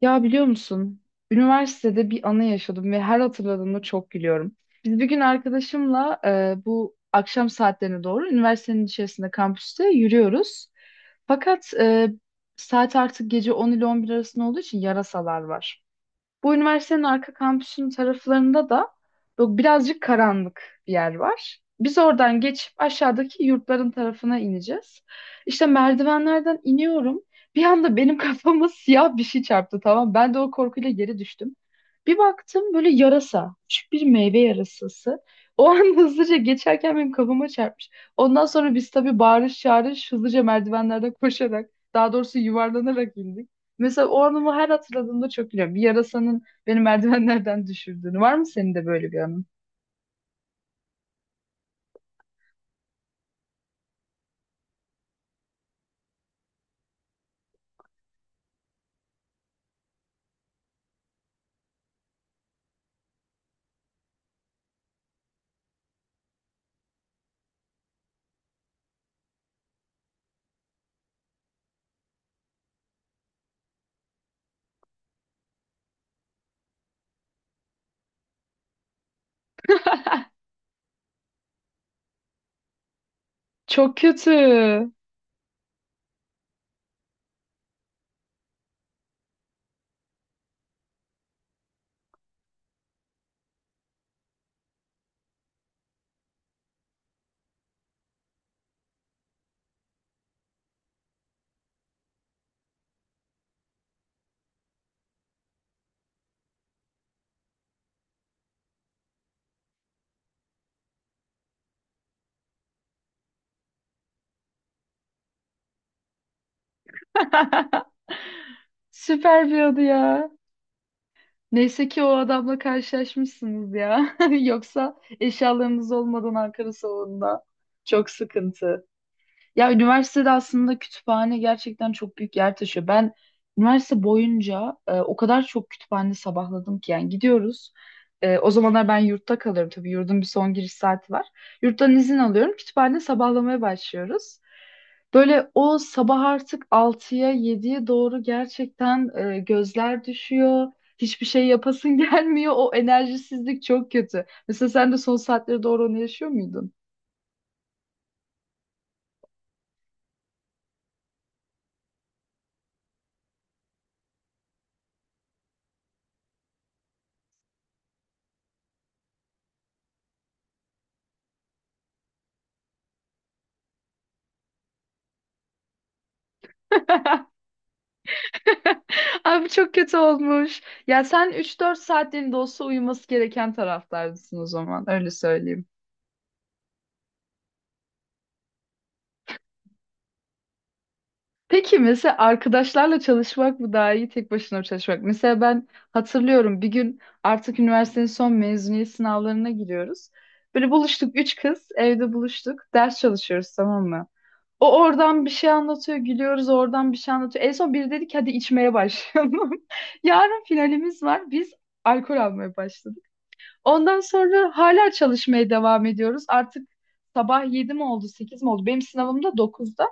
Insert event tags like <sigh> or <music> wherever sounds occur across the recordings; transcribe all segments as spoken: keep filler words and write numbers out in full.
Ya biliyor musun? Üniversitede bir anı yaşadım ve her hatırladığımda çok gülüyorum. Biz bir gün arkadaşımla e, bu akşam saatlerine doğru üniversitenin içerisinde kampüste yürüyoruz. Fakat e, saat artık gece on ile on bir arasında olduğu için yarasalar var. Bu üniversitenin arka kampüsünün taraflarında da bu birazcık karanlık bir yer var. Biz oradan geçip aşağıdaki yurtların tarafına ineceğiz. İşte merdivenlerden iniyorum. Bir anda benim kafama <laughs> siyah bir şey çarptı, tamam. mı? Ben de o korkuyla geri düştüm. Bir baktım böyle yarasa. Küçük bir meyve yarasası. O an <laughs> hızlıca geçerken benim kafama çarpmış. Ondan sonra biz tabii bağırış çağırış hızlıca merdivenlerden koşarak, daha doğrusu yuvarlanarak indik. Mesela o anımı her hatırladığımda çok gülüyorum. Bir yarasanın beni merdivenlerden düşürdüğünü. Var mı senin de böyle bir anın? Çok kötü. <laughs> Süper bir adı ya. Neyse ki o adamla karşılaşmışsınız ya. <laughs> Yoksa eşyalarınız olmadan Ankara salonunda. Çok sıkıntı. Ya üniversitede aslında kütüphane gerçekten çok büyük yer taşıyor. Ben üniversite boyunca e, o kadar çok kütüphane sabahladım ki, yani gidiyoruz. E, o zamanlar ben yurtta kalıyorum, tabii yurdun bir son giriş saati var. Yurttan izin alıyorum, kütüphane sabahlamaya başlıyoruz. Böyle o sabah artık altıya yediye doğru gerçekten e, gözler düşüyor. Hiçbir şey yapasın <laughs> gelmiyor. O enerjisizlik çok kötü. Mesela sen de son saatlere doğru onu yaşıyor muydun? <laughs> <laughs> Abi çok kötü olmuş. Ya sen üç dört saatliğinde olsa uyuması gereken taraflardasın o zaman. Öyle söyleyeyim. Peki mesela arkadaşlarla çalışmak mı daha iyi, tek başına mı çalışmak? Mesela ben hatırlıyorum, bir gün artık üniversitenin son mezuniyet sınavlarına giriyoruz. Böyle buluştuk üç kız, evde buluştuk. Ders çalışıyoruz, tamam mı? O oradan bir şey anlatıyor, gülüyoruz, oradan bir şey anlatıyor. En son biri dedi ki hadi içmeye başlayalım. <laughs> Yarın finalimiz var. Biz alkol almaya başladık. Ondan sonra hala çalışmaya devam ediyoruz. Artık sabah yedi mi oldu, sekiz mi oldu? Benim sınavım da dokuzda.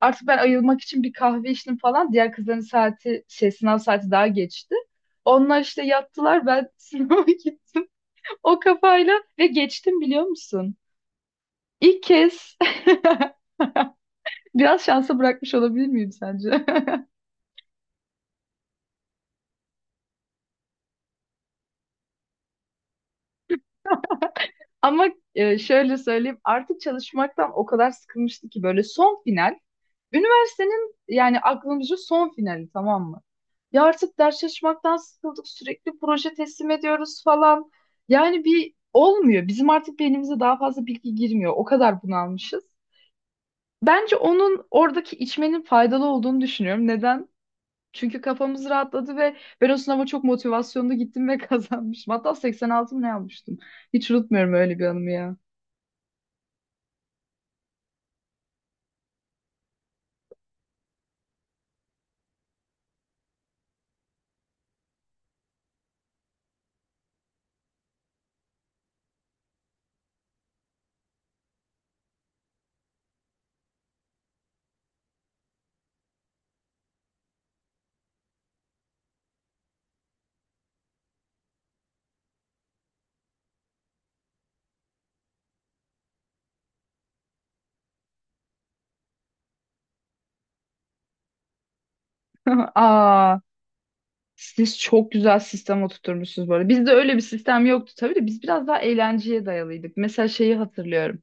Artık ben ayılmak için bir kahve içtim falan. Diğer kızların saati, şey, sınav saati daha geçti. Onlar işte yattılar, ben <laughs> sınava gittim. O kafayla ve geçtim, biliyor musun? İlk kez <laughs> biraz şansa bırakmış olabilir miyim sence? <laughs> Ama e, şöyle söyleyeyim, artık çalışmaktan o kadar sıkılmıştı ki, böyle son final. Üniversitenin yani aklımızda son finali, tamam mı? Ya artık ders çalışmaktan sıkıldık. Sürekli proje teslim ediyoruz falan. Yani bir olmuyor. Bizim artık beynimize daha fazla bilgi girmiyor. O kadar bunalmışız. Bence onun, oradaki içmenin faydalı olduğunu düşünüyorum. Neden? Çünkü kafamız rahatladı ve ben o sınava çok motivasyonlu gittim ve <laughs> kazanmıştım. Hatta seksen altı mı ne almıştım? Hiç unutmuyorum öyle bir anımı ya. <laughs> Aa, siz çok güzel sistem oturtmuşsunuz bu arada. Bizde öyle bir sistem yoktu tabii de biz biraz daha eğlenceye dayalıydık. Mesela şeyi hatırlıyorum.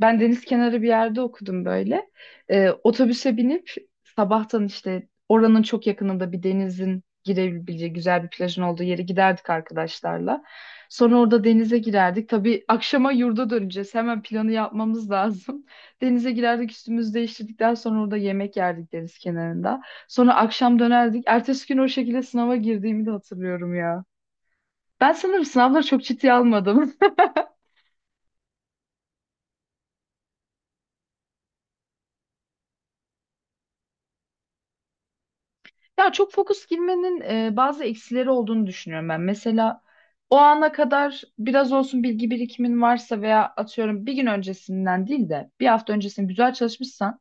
Ben deniz kenarı bir yerde okudum böyle. Ee, otobüse binip sabahtan işte oranın çok yakınında bir denizin girebileceği güzel bir plajın olduğu yere giderdik arkadaşlarla. Sonra orada denize girerdik. Tabii akşama yurda döneceğiz. Hemen planı yapmamız lazım. <laughs> Denize girerdik, üstümüzü değiştirdikten sonra orada yemek yerdik deniz kenarında. Sonra akşam dönerdik. Ertesi gün o şekilde sınava girdiğimi de hatırlıyorum ya. Ben sanırım sınavları çok ciddiye almadım. <laughs> Ya çok fokus girmenin e, bazı eksileri olduğunu düşünüyorum ben. Mesela o ana kadar biraz olsun bilgi birikimin varsa veya atıyorum bir gün öncesinden değil de bir hafta öncesinde güzel çalışmışsan,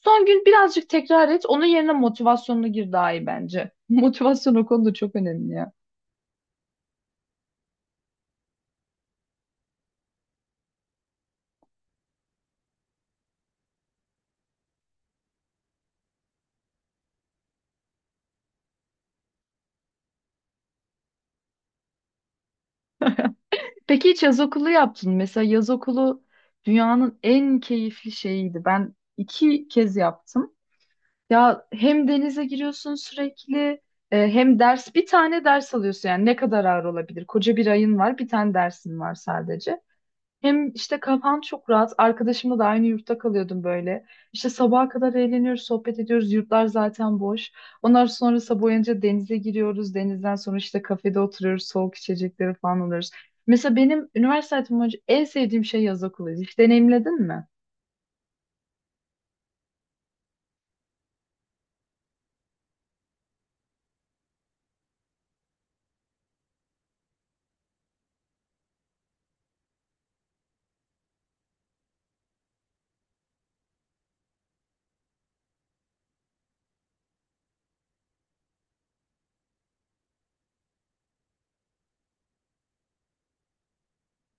son gün birazcık tekrar et. Onun yerine motivasyonlu gir, daha iyi bence. <laughs> Motivasyon o konuda çok önemli ya. Peki hiç yaz okulu yaptın? mı? Mesela yaz okulu dünyanın en keyifli şeyiydi. Ben iki kez yaptım. Ya hem denize giriyorsun sürekli, e, hem ders, bir tane ders alıyorsun, yani ne kadar ağır olabilir? Koca bir ayın var, bir tane dersin var sadece. Hem işte kafan çok rahat. Arkadaşımla da aynı yurtta kalıyordum böyle. İşte sabaha kadar eğleniyoruz, sohbet ediyoruz. Yurtlar zaten boş. Ondan sonra sabah uyanınca denize giriyoruz. Denizden sonra işte kafede oturuyoruz. Soğuk içecekleri falan alıyoruz. Mesela benim üniversite hayatım boyunca en sevdiğim şey yaz okuluydu. Hiç deneyimledin mi?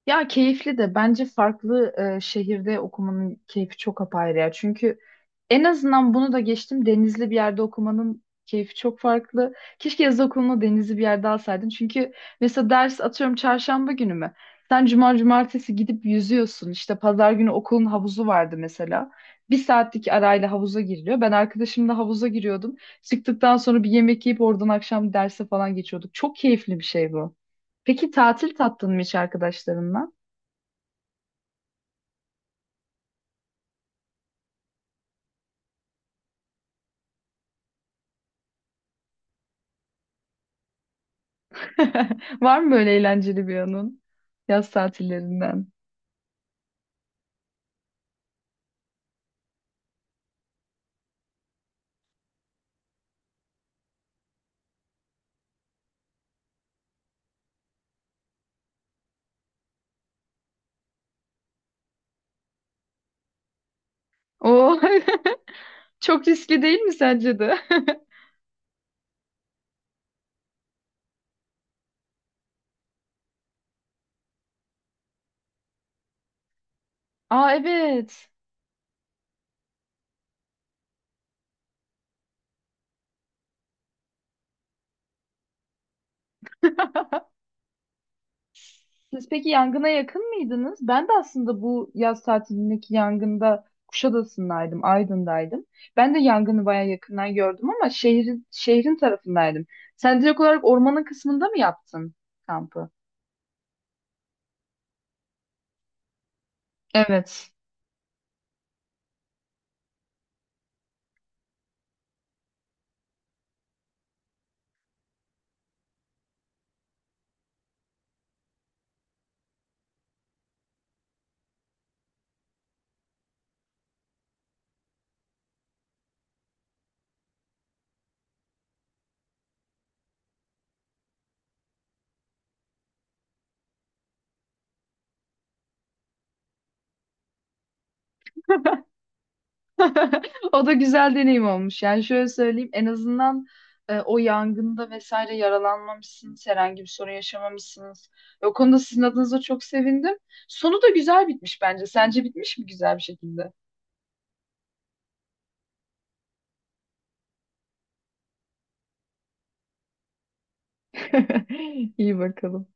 Ya keyifli de, bence farklı e, şehirde okumanın keyfi çok apayrı ya. Çünkü en azından bunu da geçtim. Denizli bir yerde okumanın keyfi çok farklı. Keşke yaz okulunu denizli bir yerde alsaydın. Çünkü mesela ders, atıyorum, çarşamba günü mü? Sen cuma cumartesi gidip yüzüyorsun. İşte pazar günü okulun havuzu vardı mesela. Bir saatlik arayla havuza giriliyor. Ben arkadaşımla havuza giriyordum. Çıktıktan sonra bir yemek yiyip oradan akşam derse falan geçiyorduk. Çok keyifli bir şey bu. Peki tatil tattın mı hiç arkadaşlarınla? <laughs> Var mı böyle eğlenceli bir anın yaz tatillerinden? Oo, <laughs> çok riskli değil mi sence de? <laughs> Aa, evet. <laughs> Siz peki yangına yakın mıydınız? Ben de aslında bu yaz tatilindeki yangında Kuşadası'ndaydım, Aydın'daydım. Ben de yangını bayağı yakından gördüm, ama şehrin şehrin tarafındaydım. Sen direkt olarak ormanın kısmında mı yaptın kampı? Evet. <laughs> O da güzel deneyim olmuş. Yani şöyle söyleyeyim, en azından e, o yangında vesaire yaralanmamışsınız, herhangi bir sorun yaşamamışsınız. Ve o konuda sizin adınıza çok sevindim. Sonu da güzel bitmiş bence. Sence bitmiş mi güzel bir şekilde? <laughs> İyi bakalım.